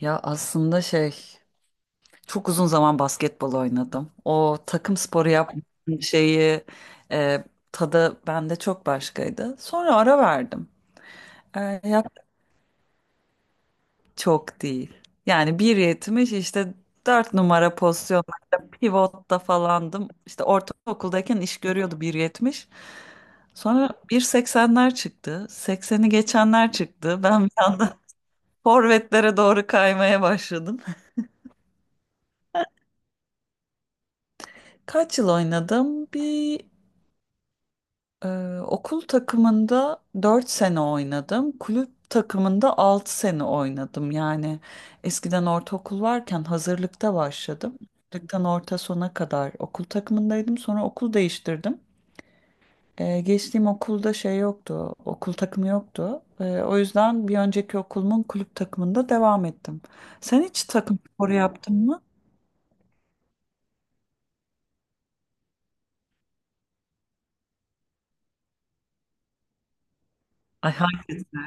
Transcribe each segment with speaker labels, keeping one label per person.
Speaker 1: Ya, aslında çok uzun zaman basketbol oynadım. O takım sporu yapmanın şeyi, e, tadı bende çok başkaydı. Sonra ara verdim. E, yap- Çok değil. Yani 1,70 işte, 4 numara pozisyonlarda pivotta falandım. İşte ortaokuldayken iş görüyordu 1,70. Sonra 1,80'ler çıktı. 80'i geçenler çıktı. Ben bir anda forvetlere doğru kaymaya başladım. Kaç yıl oynadım? Bir Okul takımında 4 sene oynadım. Kulüp takımında 6 sene oynadım. Yani eskiden ortaokul varken hazırlıkta başladım. Hazırlıktan orta sona kadar okul takımındaydım. Sonra okul değiştirdim. Geçtiğim okulda şey yoktu. Okul takımı yoktu. O yüzden bir önceki okulumun kulüp takımında devam ettim. Sen hiç takım sporu yaptın mı? Ay, hangisi?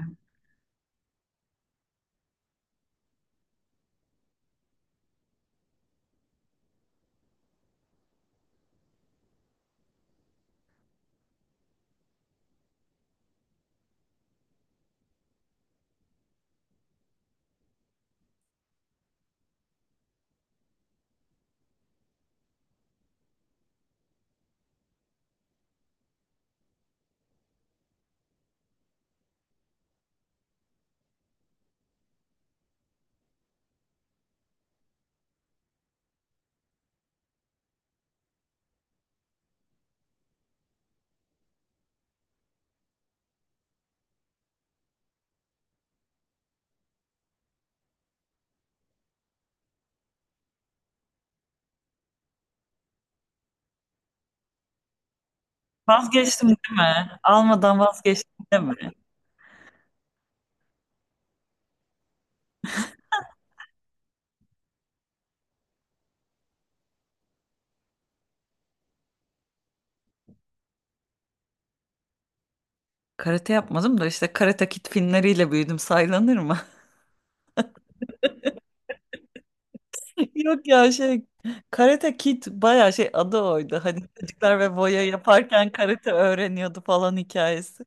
Speaker 1: Vazgeçtim değil mi? Almadan vazgeçtim değil mi? Karate yapmadım da işte, Karate Kid filmleriyle büyüdüm, saylanır mı? Yok ya, Karate Kid bayağı şey, adı oydu. Hani çocuklar ve boya yaparken karate öğreniyordu falan, hikayesi.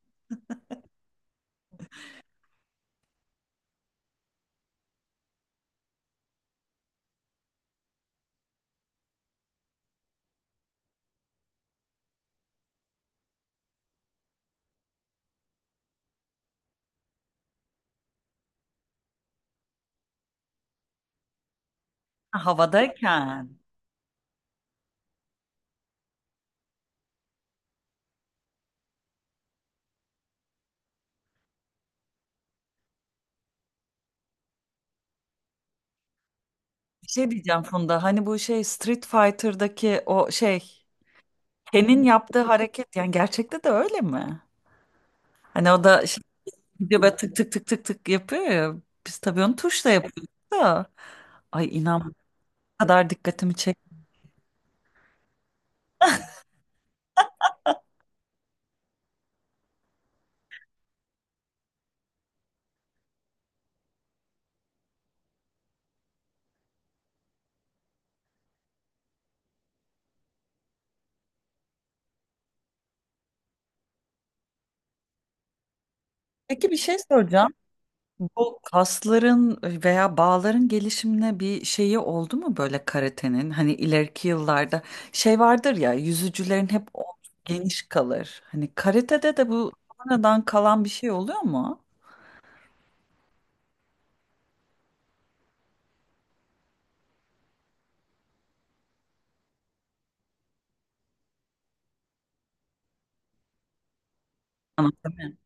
Speaker 1: Ha, havadayken bir şey diyeceğim Funda, hani bu şey Street Fighter'daki o şey, Ken'in yaptığı hareket, yani gerçekte de öyle mi? Hani o da gidiyor böyle tık tık tık tık tık yapıyor ya, biz tabii onu tuşla yapıyoruz da, ay inan bu kadar dikkatimi çekti. Peki, bir şey soracağım. Bu kasların veya bağların gelişimine bir şeyi oldu mu böyle, karatenin? Hani ileriki yıllarda şey vardır ya, yüzücülerin hep omzu geniş kalır. Hani karatede de bu sonradan kalan bir şey oluyor mu? Anatomi.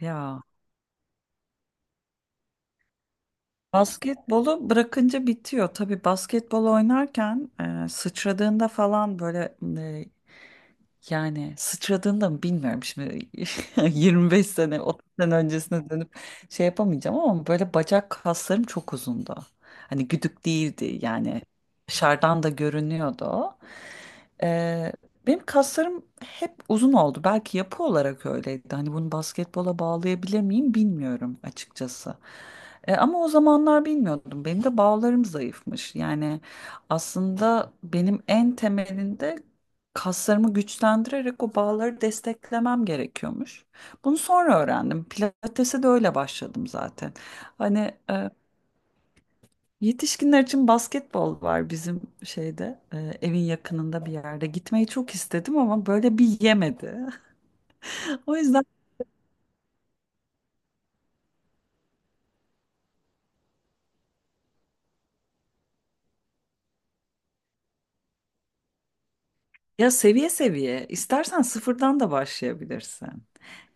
Speaker 1: Ya, basketbolu bırakınca bitiyor. Tabii basketbol oynarken sıçradığında falan böyle. Yani sıçradığında mı bilmiyorum şimdi, 25 sene 30 sene öncesine dönüp şey yapamayacağım ama, böyle bacak kaslarım çok uzundu. Hani güdük değildi yani, dışarıdan da görünüyordu o. Ee, Benim kaslarım hep uzun oldu. Belki yapı olarak öyleydi. Hani bunu basketbola bağlayabilir miyim bilmiyorum, açıkçası. Ama o zamanlar bilmiyordum. Benim de bağlarım zayıfmış. Yani aslında benim en temelinde kaslarımı güçlendirerek o bağları desteklemem gerekiyormuş. Bunu sonra öğrendim. Pilates'e de öyle başladım zaten. Hani yetişkinler için basketbol var bizim şeyde, evin yakınında bir yerde. Gitmeyi çok istedim ama böyle bir yemedi. O yüzden ya, seviye seviye istersen sıfırdan da başlayabilirsin.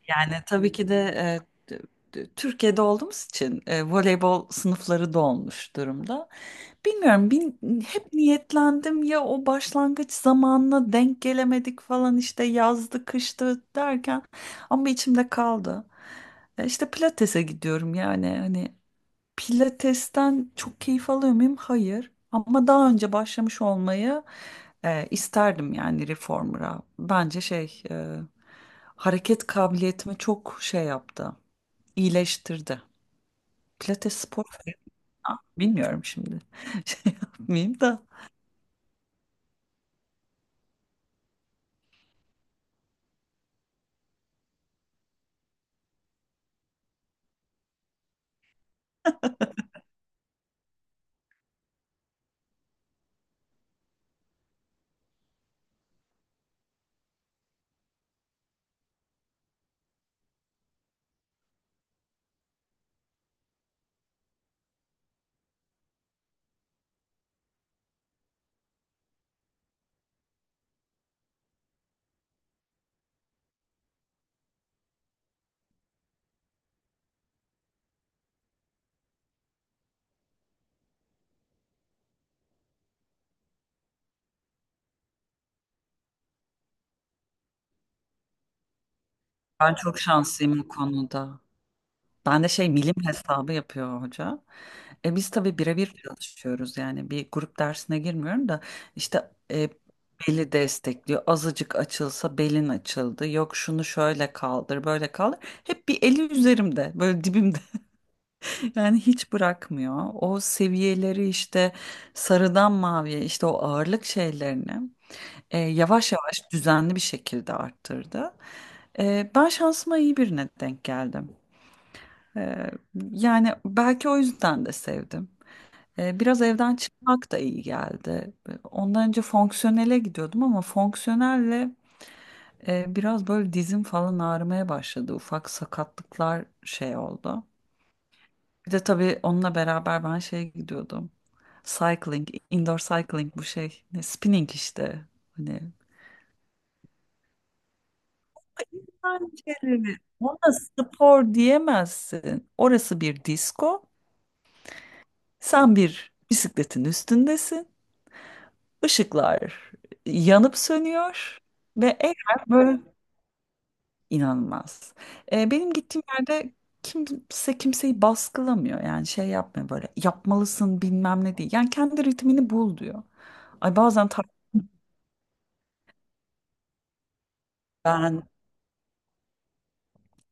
Speaker 1: Yani tabii ki de, t- Türkiye'de olduğumuz için voleybol sınıfları dolmuş durumda. Bilmiyorum, hep niyetlendim ya, o başlangıç zamanına denk gelemedik falan işte, yazdı kıştı derken, ama içimde kaldı. İşte pilatese gidiyorum yani, hani pilatesten çok keyif alıyor muyum? Hayır. Ama daha önce başlamış olmayı isterdim yani, reformer'a. Bence hareket kabiliyetimi çok şey yaptı, iyileştirdi. Pilates spor, bilmiyorum şimdi, şey yapmayayım da. Ben çok şanslıyım bu konuda. Ben de milim hesabı yapıyor hoca. E biz tabii birebir çalışıyoruz, yani bir grup dersine girmiyorum da işte, beli destekliyor. Azıcık açılsa belin açıldı. Yok, şunu şöyle kaldır, böyle kaldır. Hep bir eli üzerimde, böyle dibimde. Yani hiç bırakmıyor. O seviyeleri işte sarıdan maviye, işte o ağırlık şeylerini yavaş yavaş düzenli bir şekilde arttırdı. Ben şansıma iyi birine denk geldim. E, Yani belki o yüzden de sevdim. Biraz evden çıkmak da iyi geldi. Ondan önce fonksiyonele gidiyordum ama fonksiyonelle biraz böyle dizim falan ağrımaya başladı. Ufak sakatlıklar şey oldu. Bir de tabii onunla beraber ben şeye gidiyordum. Cycling, indoor cycling, bu şey, ne, spinning işte. Hani pencereleri. Ona spor diyemezsin. Orası bir disko. Sen bir bisikletin üstündesin. Işıklar yanıp sönüyor ve eğer böyle, inanılmaz. Benim gittiğim yerde kimse kimseyi baskılamıyor. Yani şey yapmıyor, böyle yapmalısın bilmem ne değil. Yani kendi ritmini bul diyor. Ay bazen ben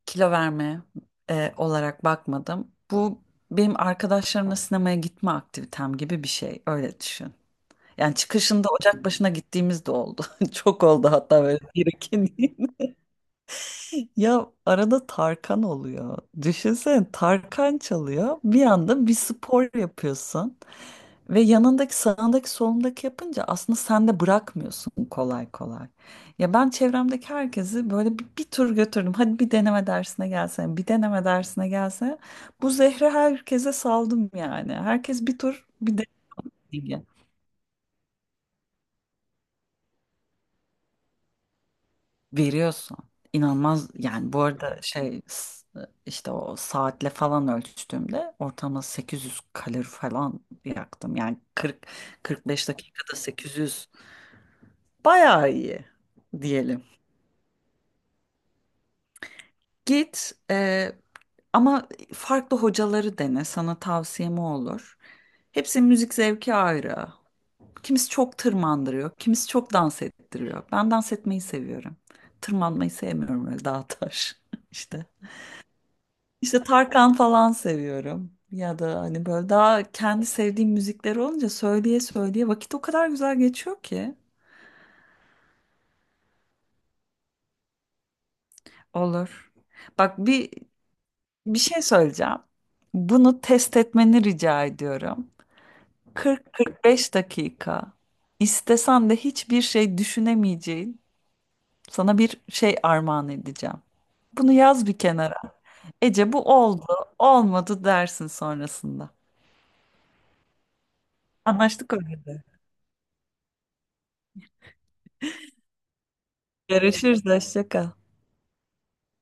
Speaker 1: kilo verme olarak bakmadım. Bu benim arkadaşlarımla sinemaya gitme aktivitem gibi bir şey. Öyle düşün. Yani çıkışında ocak başına gittiğimiz de oldu. Çok oldu hatta, böyle bir iki. Ya, arada Tarkan oluyor. Düşünsene, Tarkan çalıyor. Bir anda bir spor yapıyorsun. Ve yanındaki, sağındaki, solundaki yapınca aslında sen de bırakmıyorsun kolay kolay. Ya ben çevremdeki herkesi böyle bir tur götürdüm. Hadi bir deneme dersine gelsene, bir deneme dersine gelsene. Bu zehri herkese saldım yani. Herkes bir tur, bir deneyim. Veriyorsun. İnanılmaz yani, bu arada işte o saatle falan ölçtüğümde ortalama 800 kalori falan yaktım. Yani 40-45 dakikada 800, bayağı iyi diyelim. Git, ama farklı hocaları dene, sana tavsiyem o olur. Hepsinin müzik zevki ayrı. Kimisi çok tırmandırıyor, kimisi çok dans ettiriyor. Ben dans etmeyi seviyorum. Tırmanmayı sevmiyorum öyle dağ taş işte. İşte Tarkan falan seviyorum. Ya da hani böyle daha kendi sevdiğim müzikler olunca söyleye söyleye vakit o kadar güzel geçiyor ki. Olur. Bak, bir şey söyleyeceğim. Bunu test etmeni rica ediyorum. 40-45 dakika. İstesen de hiçbir şey düşünemeyeceğin, sana bir şey armağan edeceğim. Bunu yaz bir kenara. Ece, bu oldu, olmadı dersin sonrasında. Anlaştık öyle de. Görüşürüz, hoşça kal.